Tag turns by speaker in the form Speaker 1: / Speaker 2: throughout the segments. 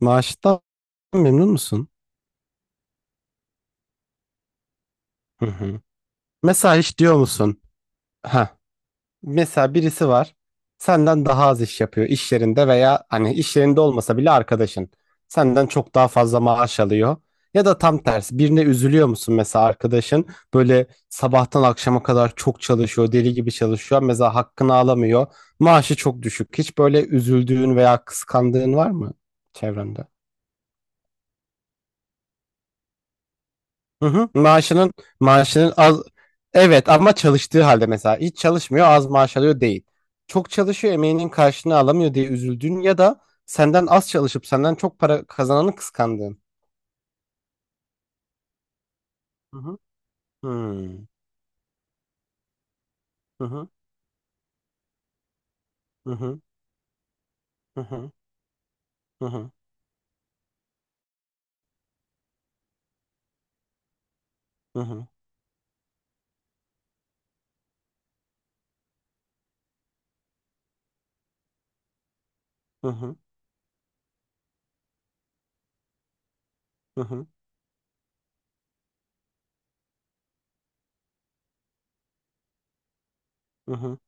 Speaker 1: Maaştan memnun musun? Hı hı. Mesela hiç diyor musun? Ha. Mesela birisi var. Senden daha az iş yapıyor iş yerinde veya hani iş yerinde olmasa bile arkadaşın. Senden çok daha fazla maaş alıyor. Ya da tam tersi birine üzülüyor musun? Mesela arkadaşın böyle sabahtan akşama kadar çok çalışıyor, deli gibi çalışıyor, mesela hakkını alamıyor, maaşı çok düşük. Hiç böyle üzüldüğün veya kıskandığın var mı çevrende? Hı hı. Maaşının az, evet, ama çalıştığı halde. Mesela hiç çalışmıyor, az maaş alıyor değil. Çok çalışıyor, emeğinin karşılığını alamıyor diye üzüldüğün, ya da senden az çalışıp senden çok para kazananı kıskandığın. Hı hı. Hmm. Hı hı. Hı hı. Hı hı. Hı hı. Hı hı. Hı hı. Hı hı. Hı hı.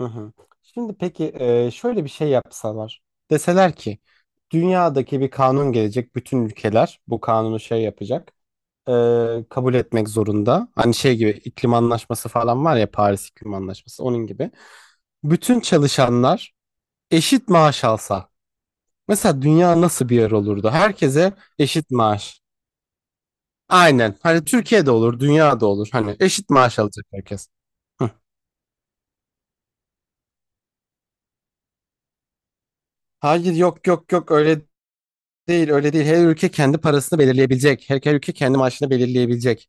Speaker 1: Hı hı. Şimdi peki, şöyle bir şey yapsalar. Deseler ki dünyadaki bir kanun gelecek, bütün ülkeler bu kanunu şey yapacak, kabul etmek zorunda. Hani şey gibi, iklim anlaşması falan var ya, Paris İklim Anlaşması onun gibi. Bütün çalışanlar eşit maaş alsa mesela, dünya nasıl bir yer olurdu? Herkese eşit maaş. Aynen. Hani Türkiye'de olur, dünyada olur. Hani eşit maaş alacak herkes. Hı. Hayır, yok yok yok, öyle değil, öyle değil. Her ülke kendi parasını belirleyebilecek. Her ülke kendi maaşını belirleyebilecek.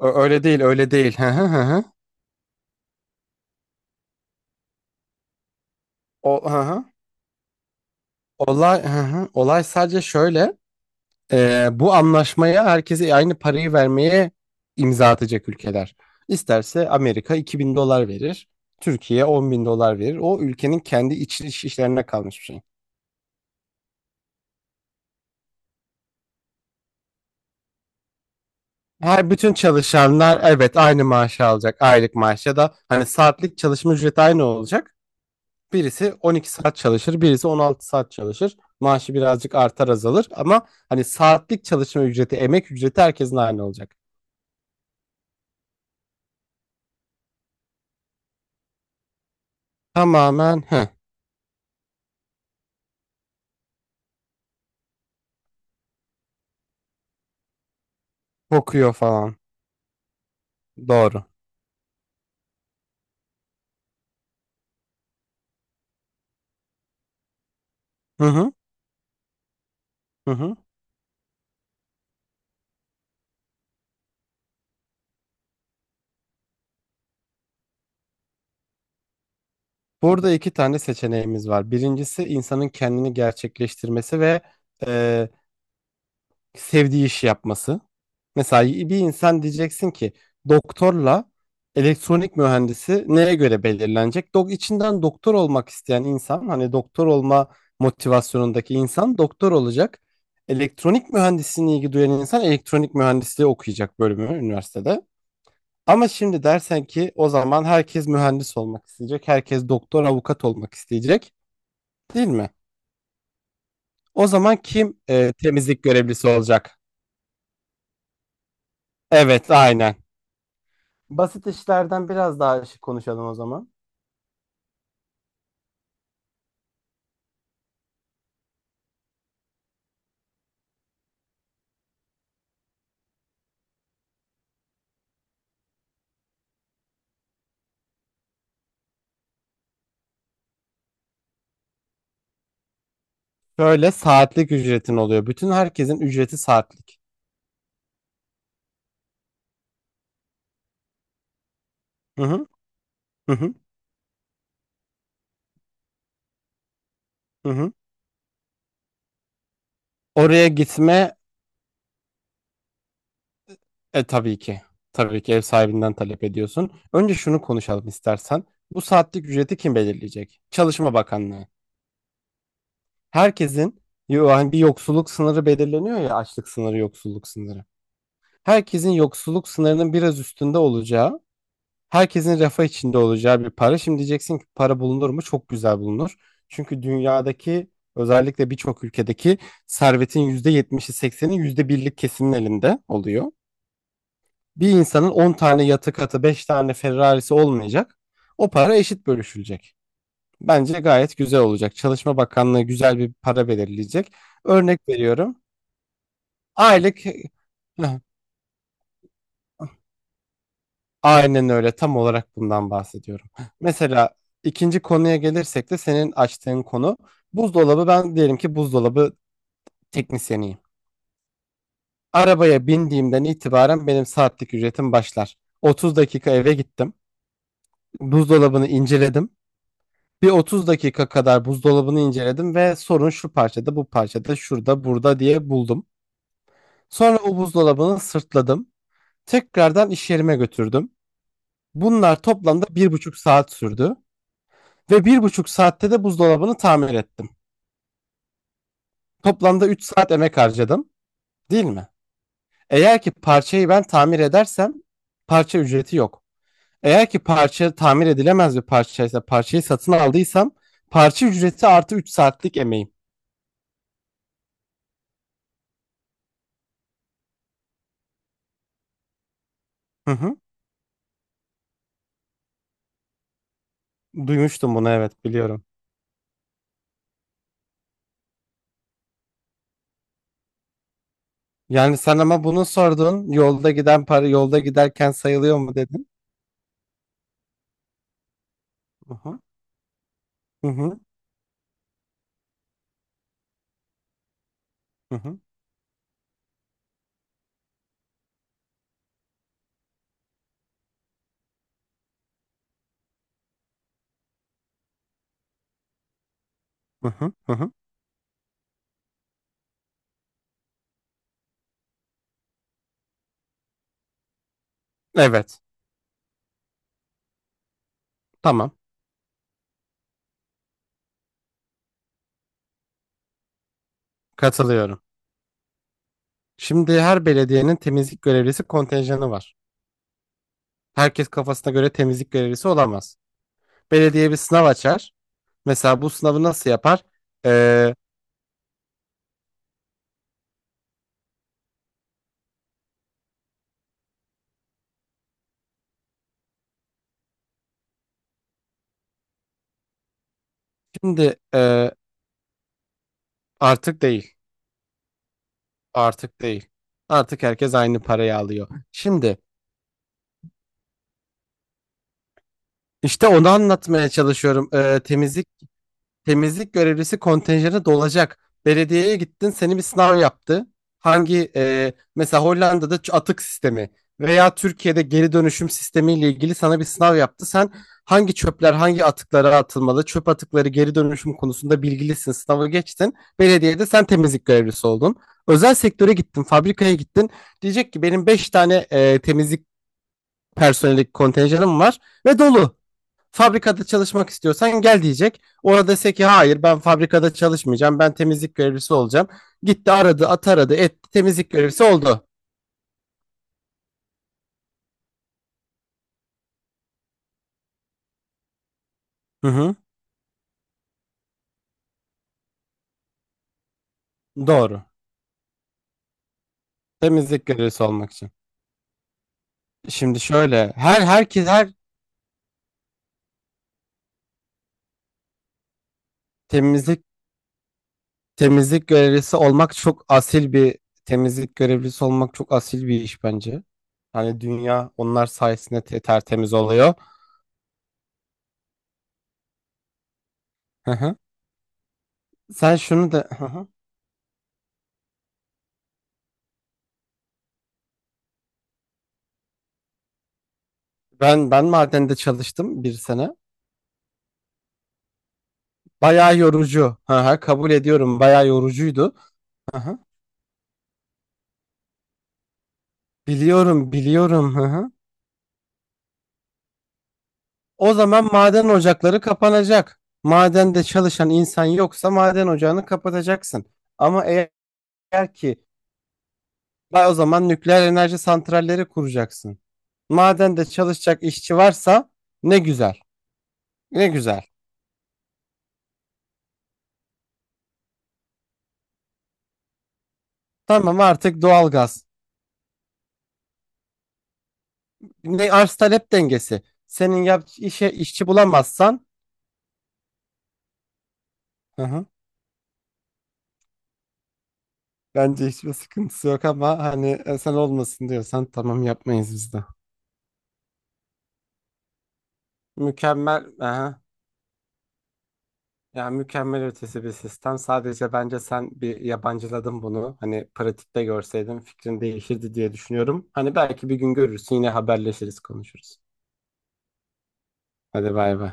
Speaker 1: Öyle değil, öyle değil. Hı hı hı. Hı. Hı hı. Hı hı. Olay sadece şöyle. Bu anlaşmaya, herkese aynı parayı vermeye imza atacak ülkeler. İsterse Amerika 2.000 dolar verir. Türkiye 10 bin dolar verir. O ülkenin kendi iç işlerine kalmış bir şey. Bütün çalışanlar, evet, aynı maaşı alacak. Aylık maaş ya da hani saatlik çalışma ücreti aynı olacak. Birisi 12 saat çalışır, birisi 16 saat çalışır. Maaşı birazcık artar azalır, ama hani saatlik çalışma ücreti, emek ücreti herkesin aynı olacak. Tamamen, heh, kokuyor falan. Doğru. Hı hı. Hı hı. Burada iki tane seçeneğimiz var. Birincisi, insanın kendini gerçekleştirmesi ve e, sevdiği işi yapması. Mesela bir insan, diyeceksin ki, doktorla elektronik mühendisi neye göre belirlenecek? İçinden doktor olmak isteyen insan, hani doktor olma motivasyonundaki insan doktor olacak. Elektronik mühendisliğine ilgi duyan insan elektronik mühendisliği okuyacak bölümü üniversitede. Ama şimdi dersen ki, o zaman herkes mühendis olmak isteyecek, herkes doktor, avukat olmak isteyecek, değil mi? O zaman kim temizlik görevlisi olacak? Evet, aynen. Basit işlerden biraz daha şey konuşalım o zaman. Şöyle, saatlik ücretin oluyor. Bütün herkesin ücreti saatlik. Hı hı, hı hı, hı hı. Oraya gitme, tabii ki. Tabii ki ev sahibinden talep ediyorsun. Önce şunu konuşalım istersen. Bu saatlik ücreti kim belirleyecek? Çalışma Bakanlığı. Herkesin, yani bir yoksulluk sınırı belirleniyor ya, açlık sınırı, yoksulluk sınırı. Herkesin yoksulluk sınırının biraz üstünde olacağı, herkesin refah içinde olacağı bir para. Şimdi diyeceksin ki, para bulunur mu? Çok güzel bulunur. Çünkü dünyadaki, özellikle birçok ülkedeki servetin %70'i yüzde birlik kesimin elinde oluyor. Bir insanın 10 tane yatı katı, 5 tane Ferrari'si olmayacak. O para eşit bölüşülecek. Bence gayet güzel olacak. Çalışma Bakanlığı güzel bir para belirleyecek. Örnek veriyorum. Aylık. Aynen öyle, tam olarak bundan bahsediyorum. Mesela ikinci konuya gelirsek de, senin açtığın konu, buzdolabı, ben diyelim ki buzdolabı teknisyeniyim. Arabaya bindiğimden itibaren benim saatlik ücretim başlar. 30 dakika eve gittim. Buzdolabını inceledim. Bir 30 dakika kadar buzdolabını inceledim ve sorun şu parçada, bu parçada, şurada, burada diye buldum. Sonra o buzdolabını sırtladım. Tekrardan iş yerime götürdüm. Bunlar toplamda 1,5 saat sürdü. Ve 1,5 saatte de buzdolabını tamir ettim. Toplamda 3 saat emek harcadım, değil mi? Eğer ki parçayı ben tamir edersem parça ücreti yok. Eğer ki parça tamir edilemez bir parçaysa, parçayı satın aldıysam, parça ücreti artı 3 saatlik emeğim. Hı hı. Duymuştum bunu, evet, biliyorum. Yani sen ama bunu sordun. Yolda giden para yolda giderken sayılıyor mu dedin? Hı hı. Hı hı. Hı hı. Hı hı. Hı hı. Evet. Tamam. Katılıyorum. Şimdi her belediyenin temizlik görevlisi kontenjanı var. Herkes kafasına göre temizlik görevlisi olamaz. Belediye bir sınav açar. Mesela bu sınavı nasıl yapar? Ee, şimdi e, Artık değil. Artık değil. Artık herkes aynı parayı alıyor. Şimdi işte onu anlatmaya çalışıyorum. Temizlik görevlisi kontenjanı dolacak. Belediyeye gittin, seni bir sınav yaptı. Hangi mesela Hollanda'da atık sistemi veya Türkiye'de geri dönüşüm sistemiyle ilgili sana bir sınav yaptı. Sen, hangi çöpler hangi atıklara atılmalı, çöp atıkları geri dönüşüm konusunda bilgilisin. Sınavı geçtin. Belediyede sen temizlik görevlisi oldun. Özel sektöre gittin, fabrikaya gittin. Diyecek ki, benim 5 tane temizlik personeli kontenjanım var ve dolu, fabrikada çalışmak istiyorsan gel diyecek. Orada dese ki hayır, ben fabrikada çalışmayacağım, ben temizlik görevlisi olacağım. Gitti aradı at aradı etti, temizlik görevlisi oldu. Hı hı, doğru. Temizlik görevlisi olmak için. Şimdi şöyle, herkes temizlik temizlik görevlisi olmak çok asil bir temizlik görevlisi olmak çok asil bir iş bence. Hani dünya onlar sayesinde tertemiz oluyor. Hı hı. Sen şunu da hı hı. Ben madende çalıştım bir sene. Bayağı yorucu. Hı hı, kabul ediyorum. Bayağı yorucuydu. Hı hı. Biliyorum, biliyorum. Hı hı. O zaman maden ocakları kapanacak. Madende çalışan insan yoksa maden ocağını kapatacaksın. Ama eğer eğer ki Vay, o zaman nükleer enerji santralleri kuracaksın. Madende çalışacak işçi varsa ne güzel. Ne güzel. Tamam, artık doğalgaz. Ne arz talep dengesi. Senin yap işe işçi bulamazsan, hı hı. Bence hiçbir sıkıntısı yok, ama hani, sen olmasın diyorsan tamam, yapmayız biz de. Mükemmel, aha. Yani mükemmel ötesi bir sistem. Sadece bence sen bir yabancıladın bunu. Hani pratikte görseydin fikrin değişirdi diye düşünüyorum. Hani belki bir gün görürsün, yine haberleşiriz, konuşuruz. Hadi bay bay.